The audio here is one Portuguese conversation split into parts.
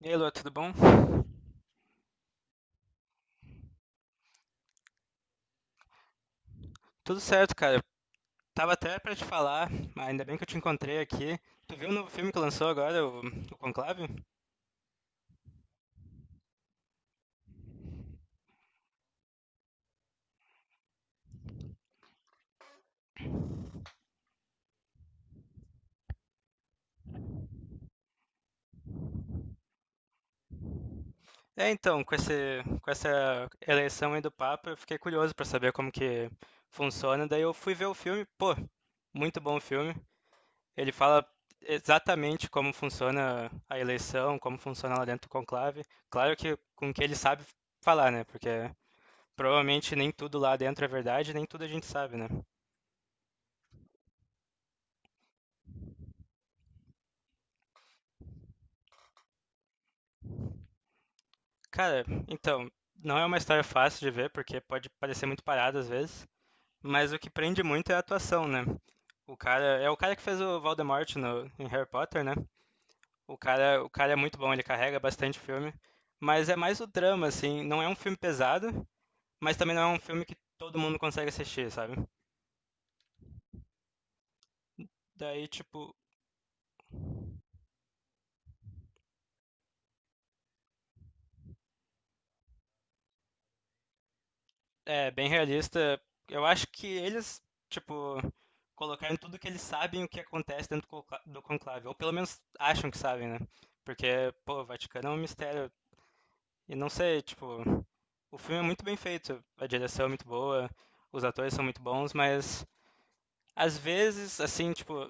E aí, Lua, tudo bom? Tudo certo, cara. Tava até pra te falar, mas ainda bem que eu te encontrei aqui. Tu viu o novo filme que lançou agora, o Conclave? É, então, com essa eleição aí do Papa, eu fiquei curioso pra saber como que funciona. Daí eu fui ver o filme, pô, muito bom o filme. Ele fala exatamente como funciona a eleição, como funciona lá dentro do Conclave. Claro que com o que ele sabe falar, né? Porque provavelmente nem tudo lá dentro é verdade, nem tudo a gente sabe, né? Cara, então, não é uma história fácil de ver, porque pode parecer muito parada às vezes, mas o que prende muito é a atuação, né? O cara, é o cara que fez o Voldemort no, em Harry Potter, né? O cara é muito bom, ele carrega bastante filme, mas é mais o drama, assim, não é um filme pesado, mas também não é um filme que todo mundo consegue assistir, sabe? Daí, tipo, é, bem realista. Eu acho que eles, tipo, colocaram tudo que eles sabem o que acontece dentro do conclave, ou pelo menos acham que sabem, né? Porque, pô, o Vaticano é um mistério. E não sei, tipo, o filme é muito bem feito, a direção é muito boa, os atores são muito bons, mas às vezes, assim, tipo,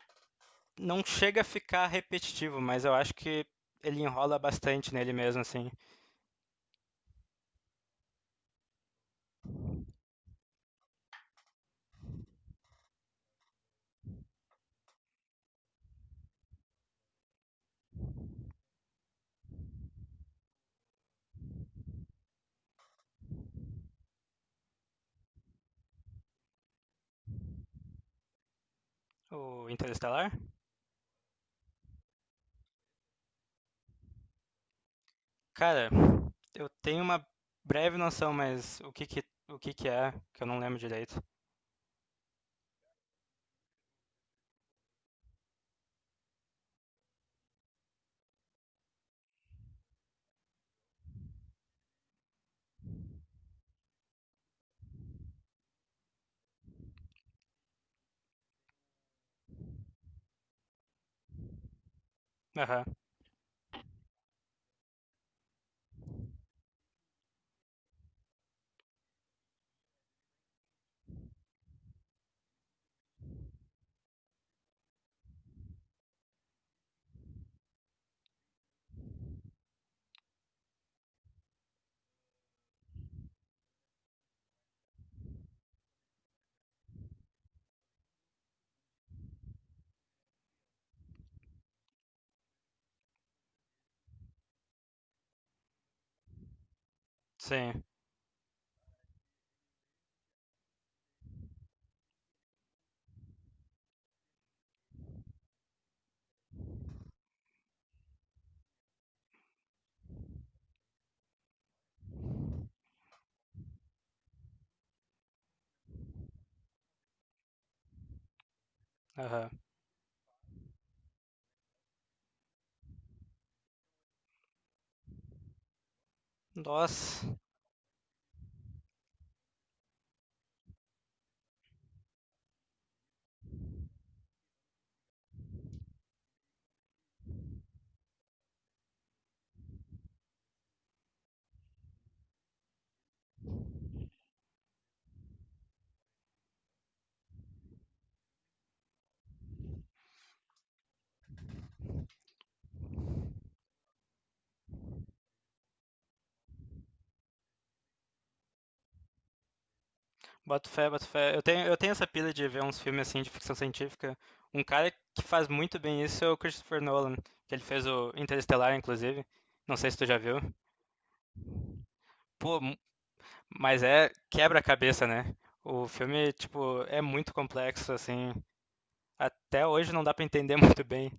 não chega a ficar repetitivo, mas eu acho que ele enrola bastante nele mesmo, assim. O Interestelar? Cara, eu tenho uma breve noção, mas o que que é, que eu não lembro direito. Aham, sim, aham. Nossa, boto fé, boto fé. Eu tenho essa pira de ver uns filmes assim de ficção científica. Um cara que faz muito bem isso é o Christopher Nolan, que ele fez o Interestelar, inclusive. Não sei se tu já viu. Pô, mu- mas é quebra-cabeça, né? O filme, tipo, é muito complexo, assim. Até hoje não dá pra entender muito bem.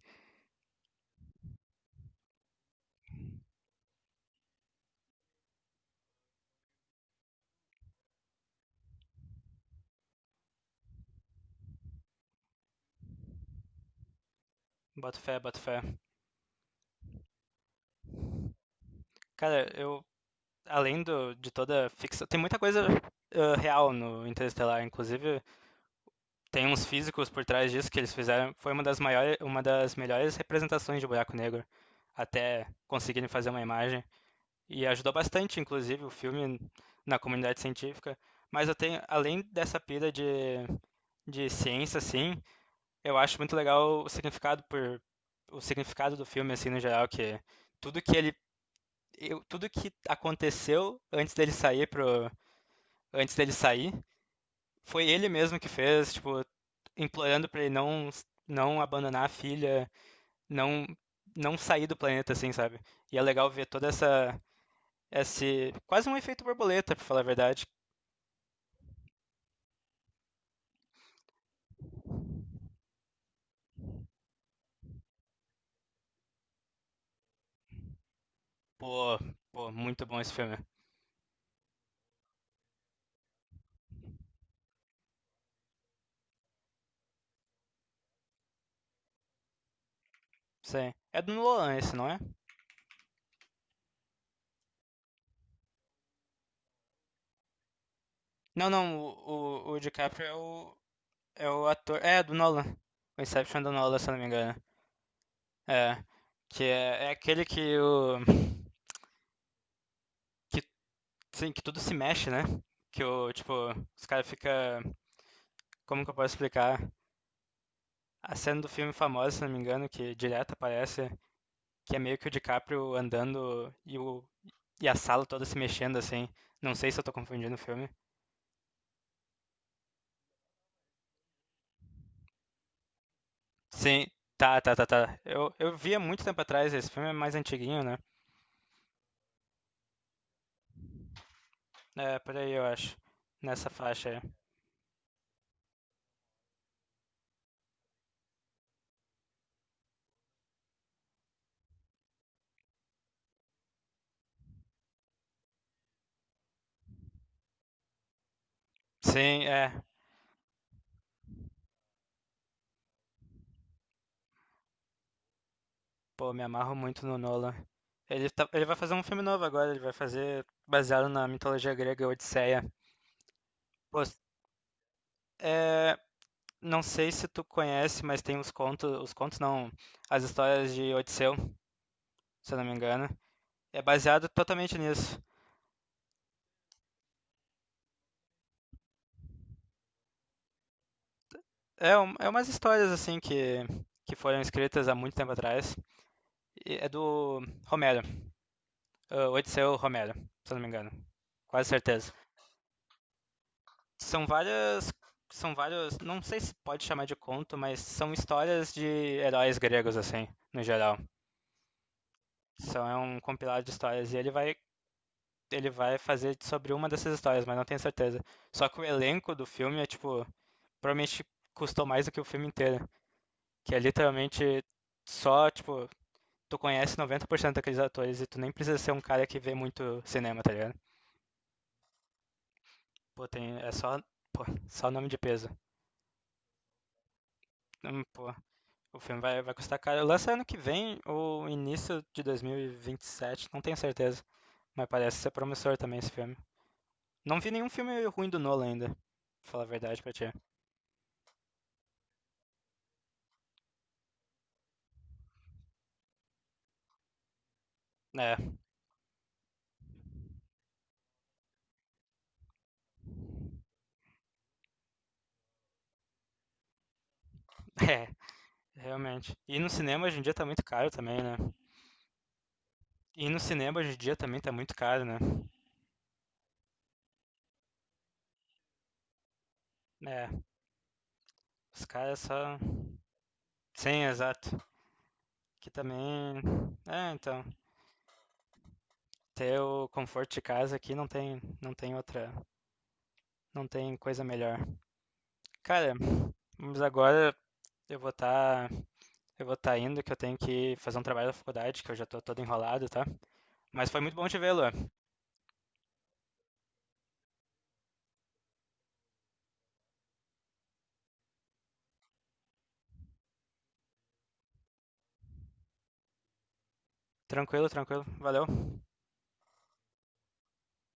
Boto fé, boto fé. Cara, eu de toda ficção, tem muita coisa real no Interestelar, inclusive tem uns físicos por trás disso que eles fizeram, foi uma das melhores representações de buraco negro até conseguirem fazer uma imagem e ajudou bastante, inclusive, o filme na comunidade científica. Mas eu tenho, além dessa pira de ciência, assim, eu acho muito legal o significado do filme, assim, no geral, que tudo que ele tudo que aconteceu antes dele sair. Foi ele mesmo que fez, tipo, implorando pra ele não, não abandonar a filha, não, não sair do planeta, assim, sabe? E é legal ver toda essa. Esse, quase um efeito borboleta, pra falar a verdade. Pô, pô, muito bom esse filme. Sim. É do Nolan esse, não é? Não, não, o DiCaprio é é o ator. É, do Nolan. O Inception do Nolan, se eu não me engano. É. Que é, é aquele que o. que Sim, que tudo se mexe, né? Que o, tipo, os caras fica, como que eu posso explicar? A cena do filme famosa, se não me engano, que direto aparece, que é meio que o DiCaprio andando e a sala toda se mexendo assim. Não sei se eu tô confundindo o filme. Sim, tá, tá, tá, tá. Eu vi há muito tempo atrás esse filme, é mais antiguinho, né? É, por aí eu acho, nessa faixa. Aí. Sim, é. Pô, me amarro muito no Nolan. Ele vai fazer um filme novo agora, ele vai fazer baseado na mitologia grega Odisseia. Pô, é, não sei se tu conhece, mas tem os contos não, as histórias de Odisseu, se eu não me engano. É baseado totalmente nisso. É umas histórias assim que foram escritas há muito tempo atrás. E é do Romero, ah, Odisseu Romero, se eu não me engano. Quase certeza. São várias, são vários, não sei se pode chamar de conto, mas são histórias de heróis gregos assim, no geral. São é um compilado de histórias e ele vai fazer sobre uma dessas histórias, mas não tenho certeza. Só que o elenco do filme é, tipo, provavelmente custou mais do que o filme inteiro. Que é literalmente só, tipo, tu conhece 90% daqueles atores e tu nem precisa ser um cara que vê muito cinema, tá ligado? Pô, tem, é só, pô, só nome de peso. Pô, vai custar caro. Lança ano que vem ou início de 2027, não tenho certeza. Mas parece ser promissor também esse filme. Não vi nenhum filme ruim do Nolan ainda, pra falar a verdade pra ti. É, é, realmente. E no cinema hoje em dia tá muito caro também, né? E no cinema hoje em dia também tá muito caro, né? É, os caras só. Sim, exato. Que também. É, então. Ter o conforto de casa aqui não tem, não tem outra. Não tem coisa melhor. Cara, mas agora eu vou estar. eu vou estar indo, que eu tenho que fazer um trabalho da faculdade, que eu já tô todo enrolado, tá? Mas foi muito bom te ver, Luan. Tranquilo, tranquilo. Valeu.